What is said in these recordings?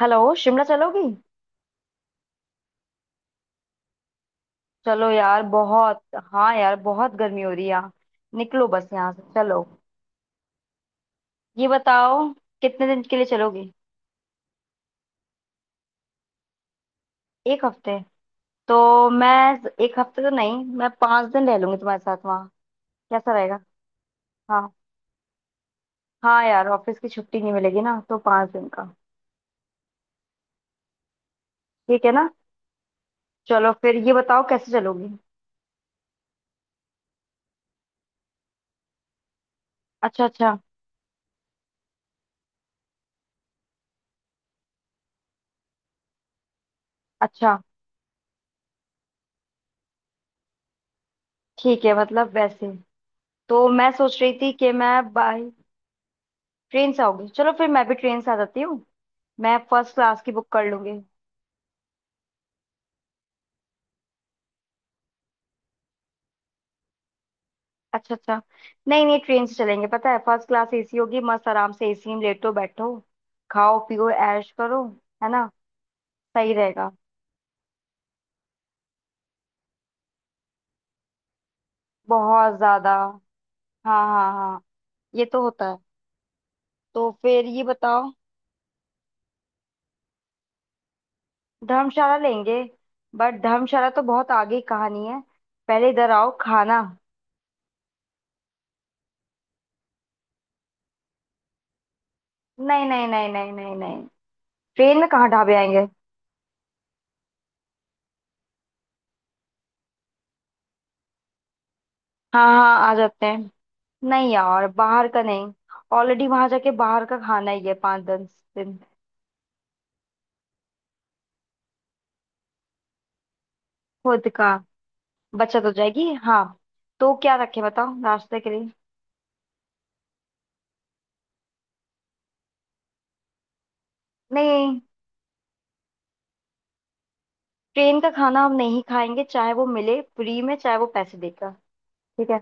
Hello. Shimla चलोगी। चलो यार बहुत। हाँ यार, बहुत गर्मी हो रही है यहाँ। निकलो, बस यहाँ से चलो। ये बताओ कितने दिन के लिए चलोगी। एक हफ्ते? तो मैं एक हफ्ते तो नहीं, मैं पाँच दिन रह लूंगी तुम्हारे साथ वहाँ। कैसा रहेगा? हाँ। हाँ यार, ऑफिस की छुट्टी नहीं मिलेगी ना, तो पाँच दिन का। ठीक है ना? चलो फिर ये बताओ कैसे चलोगी। अच्छा अच्छा। अच्छा, ठीक है। मतलब वैसे तो मैं सोच रही थी कि मैं बाय ट्रेन से आऊंगी। चलो फिर मैं भी ट्रेन से आ जाती हूँ। मैं फर्स्ट क्लास की बुक कर लूंगी। अच्छा अच्छा। नहीं नहीं, ट्रेन से चलेंगे। पता है फर्स्ट क्लास एसी होगी, मस्त आराम से एसी में लेटो बैठो, खाओ पियो ऐश करो। है ना? सही रहेगा। बहुत ज्यादा। हाँ हाँ हाँ। ये तो होता है। तो फिर ये बताओ। धर्मशाला लेंगे। बट धर्मशाला तो बहुत आगे की कहानी है। पहले इधर आओ, खाना। नहीं नहीं नहीं नहीं नहीं नहीं। ट्रेन में कहाँ ढाबे आएंगे। हाँ हाँ, आ जाते हैं। नहीं यार, बाहर का नहीं। ऑलरेडी वहां जाके बाहर का खाना ही है पाँच दस दिन। खुद का। बचत हो जाएगी, हाँ। तो क्या रखे बताओ नाश्ते के लिए। नहीं। ट्रेन का खाना हम नहीं खाएंगे, चाहे वो मिले फ्री में, चाहे वो पैसे देकर। ठीक है।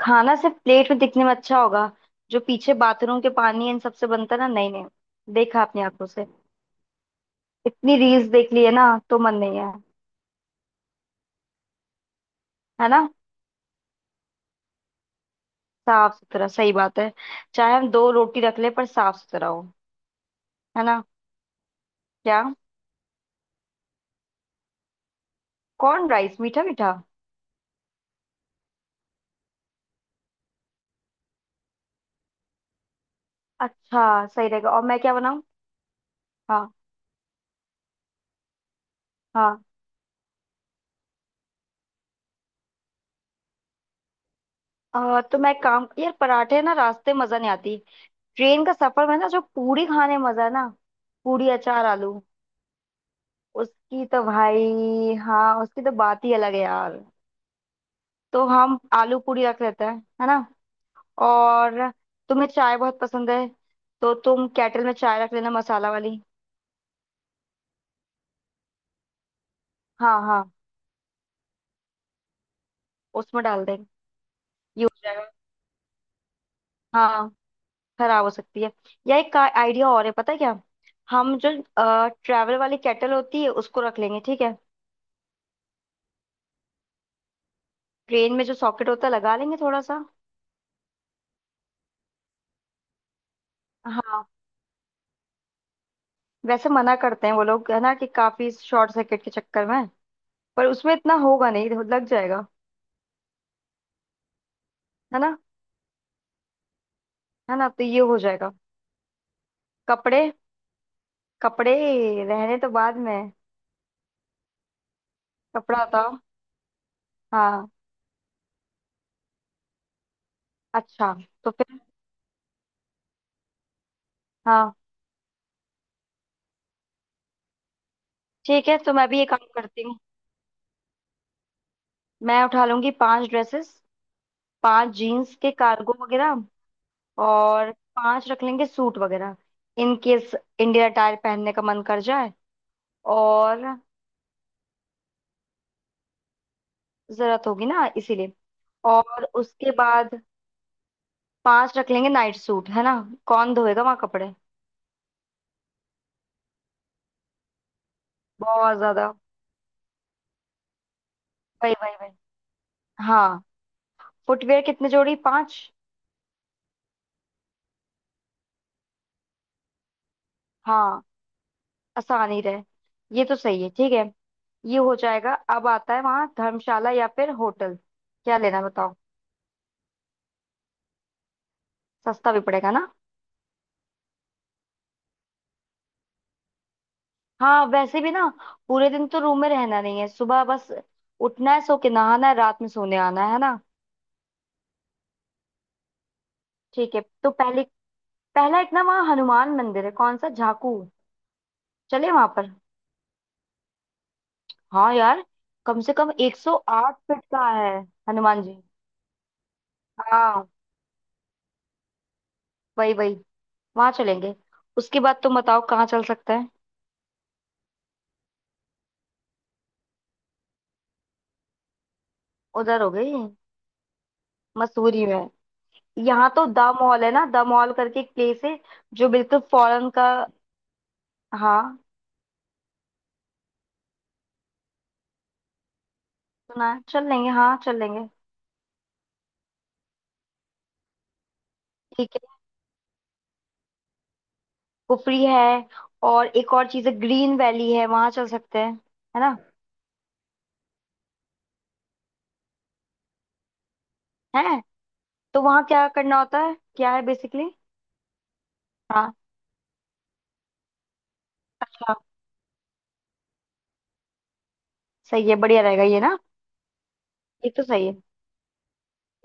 खाना सिर्फ प्लेट में दिखने में अच्छा होगा। जो पीछे बाथरूम के पानी, इन सबसे बनता है ना। नहीं नहीं। देखा अपनी आंखों से। इतनी रील्स देख ली है ना, तो मन नहीं है। है ना? साफ सुथरा, सही बात है। चाहे हम दो रोटी रख ले, पर साफ सुथरा हो। है ना? क्या? कॉर्न राइस मीठा मीठा। अच्छा सही रहेगा। और मैं क्या बनाऊँ? हाँ हाँ। तो मैं काम यार पराठे ना रास्ते मजा नहीं आती। ट्रेन का सफर में ना जो पूरी खाने में मजा है ना। पूरी अचार आलू। उसकी तो भाई, हाँ उसकी तो बात ही अलग है यार। तो हम आलू पूरी रख लेते हैं। है ना? और तुम्हें चाय बहुत पसंद है, तो तुम केटल में चाय रख लेना मसाला वाली। हाँ हाँ। उसमें डाल देंगे। ये हो जाएगा। हाँ। खराब हो सकती है। या एक आइडिया और है, पता है क्या? हम जो ट्रैवल वाली केटल होती है उसको रख लेंगे, ठीक है। ट्रेन में जो सॉकेट होता है लगा लेंगे थोड़ा सा। हाँ वैसे मना करते हैं वो लोग है ना, कि काफी शॉर्ट सर्किट के चक्कर में। पर उसमें इतना होगा नहीं, तो लग जाएगा। है ना? है ना, तो ये हो जाएगा। कपड़े, कपड़े। रहने तो बाद में। कपड़ा था। हाँ। अच्छा। तो फिर? हाँ, ठीक है। तो मैं भी ये काम करती हूँ। मैं उठा लूंगी पांच ड्रेसेस। पांच जीन्स के कार्गो वगैरह। और पांच रख लेंगे सूट वगैरह। इन केस इंडियन अटायर पहनने का मन कर जाए। और जरूरत होगी ना, इसीलिए। और उसके बाद पांच रख लेंगे नाइट सूट। है ना? कौन धोएगा वहां कपड़े। बहुत ज्यादा। वही वही वही। हाँ। फुटवेयर कितने जोड़ी? पांच। हाँ, आसान ही रहे। ये तो सही है, ठीक है। ये हो जाएगा। अब आता है वहाँ धर्मशाला या फिर होटल, क्या लेना है बताओ। सस्ता भी पड़ेगा ना। हाँ वैसे भी ना, पूरे दिन तो रूम में रहना नहीं है। सुबह बस उठना है, सो के नहाना है, रात में सोने आना है। है ना? ठीक है। तो पहले, पहला एक ना वहाँ हनुमान मंदिर है, कौन सा, झाकू। चले वहां पर। हाँ यार, कम से कम 108 फीट का है। हनुमान जी, हाँ। वही वही। वहां चलेंगे। उसके बाद तुम बताओ कहाँ चल सकते हैं। उधर हो गई मसूरी में। यहाँ तो द मॉल है ना, द मॉल करके एक प्लेस है जो बिल्कुल फॉरेन का। हाँ सुना है, चल लेंगे। हाँ चल लेंगे। ठीक। कुफरी है। और एक और चीज है, ग्रीन वैली है, वहां चल सकते हैं। है ना? है। तो वहां क्या करना होता है, क्या है बेसिकली? हाँ। अच्छा, सही है, बढ़िया रहेगा ये ना। ये तो सही है।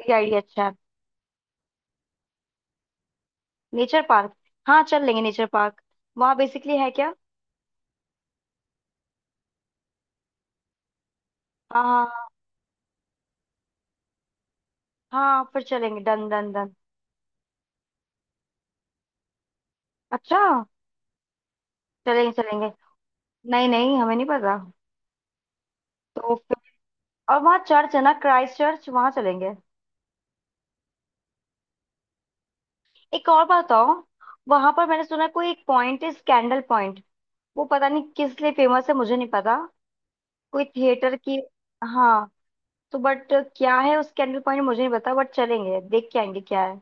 ये आइडिया अच्छा है। Nature park. हाँ चल लेंगे नेचर पार्क। वहाँ बेसिकली है क्या? हाँ हाँ। हाँ हाँ, फिर चलेंगे डन डन डन। अच्छा। चलेंगे चलेंगे। नहीं नहीं, हमें नहीं पता। तो फिर? और वहाँ चर्च है ना, क्राइस्ट चर्च, वहाँ चलेंगे। एक और बात बताओ। वहां पर मैंने सुना है कोई एक पॉइंट है स्कैंडल। वो पता नहीं किस लिए फेमस है, मुझे नहीं पता। कोई थिएटर की। हाँ, तो बट क्या है उसके अंदर पॉइंट, मुझे नहीं पता, बट चलेंगे, देख के आएंगे क्या है।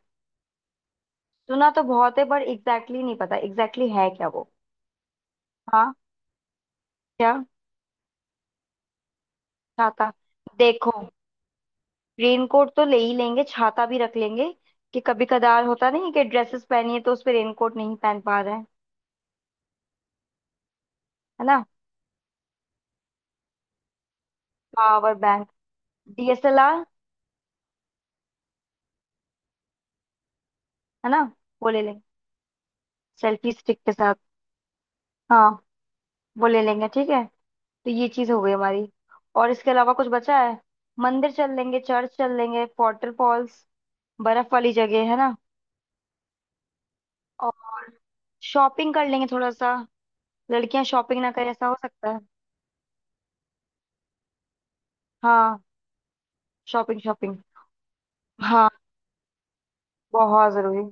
सुना तो बहुत है पर एग्जैक्टली नहीं पता एग्जैक्टली है क्या वो। हाँ। क्या? छाता? देखो, रेनकोट तो ले ही लेंगे, छाता भी रख लेंगे। कि कभी कदार होता नहीं है कि ड्रेसेस पहनी है तो उस पे रेनकोट नहीं पहन पा रहे हैं। है ना? Power bank, DSLR. है ना? वो ले लेंगे। सेल्फी स्टिक के साथ, हाँ। वो ले लेंगे, ठीक है। तो ये चीज हो गई हमारी, और इसके अलावा कुछ बचा है? मंदिर चल लेंगे, चर्च चल लेंगे, फॉल्स, बर्फ वाली जगह, है ना? और शॉपिंग कर लेंगे थोड़ा सा। लड़कियां शॉपिंग ना करें ऐसा हो सकता है? हाँ। Shopping shopping. हाँ, बहुत जरूरी।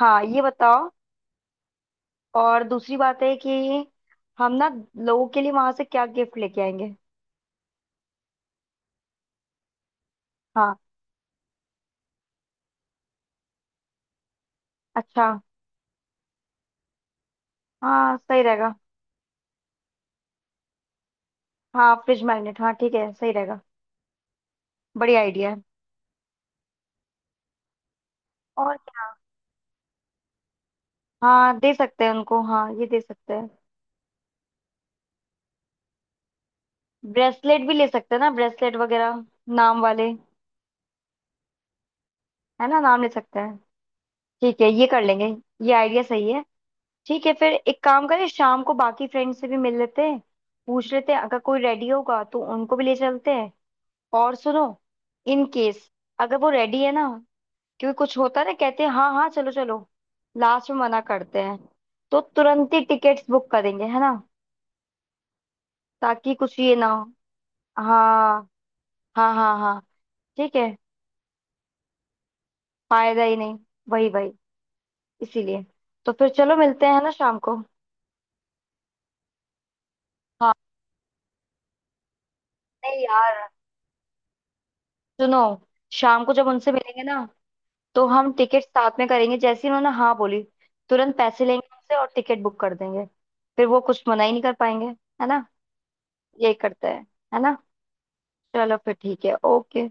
हाँ ये बताओ, और दूसरी बात है कि हम ना लोगों के लिए वहां से क्या गिफ्ट लेके आएंगे। हाँ। अच्छा। हाँ सही रहेगा। हाँ फ्रिज मैग्नेट, हाँ ठीक है, सही रहेगा। बढ़िया आइडिया है। और क्या? हाँ दे सकते हैं उनको, हाँ ये दे सकते हैं। ब्रेसलेट भी ले सकते हैं ना, ब्रेसलेट वगैरह, नाम वाले। है ना? नाम ले सकते हैं। ठीक है, ये कर लेंगे। ये आइडिया सही है। ठीक है, फिर एक काम करें, शाम को बाकी फ्रेंड से भी मिल लेते हैं। पूछ लेते हैं, अगर कोई रेडी होगा तो उनको भी ले चलते हैं। और सुनो, इन केस, अगर वो रेडी है ना, क्योंकि कुछ होता है ना, कहते हैं हाँ हाँ चलो चलो, लास्ट में मना करते हैं। तो तुरंत ही टिकट्स बुक करेंगे, है ना, ताकि कुछ ये ना हो। हाँ हाँ हाँ। हाँ ठीक है। फायदा ही नहीं। वही वही, इसीलिए। तो फिर चलो मिलते हैं ना शाम को। हाँ। नहीं यार सुनो, शाम को जब उनसे मिलेंगे ना, तो हम टिकट साथ में करेंगे। जैसे ही उन्होंने हाँ बोली, तुरंत पैसे लेंगे उनसे और टिकट बुक कर देंगे। फिर वो कुछ मना ही नहीं कर पाएंगे। है ना? यही करते हैं, है ना। चलो फिर, ठीक है, ओके।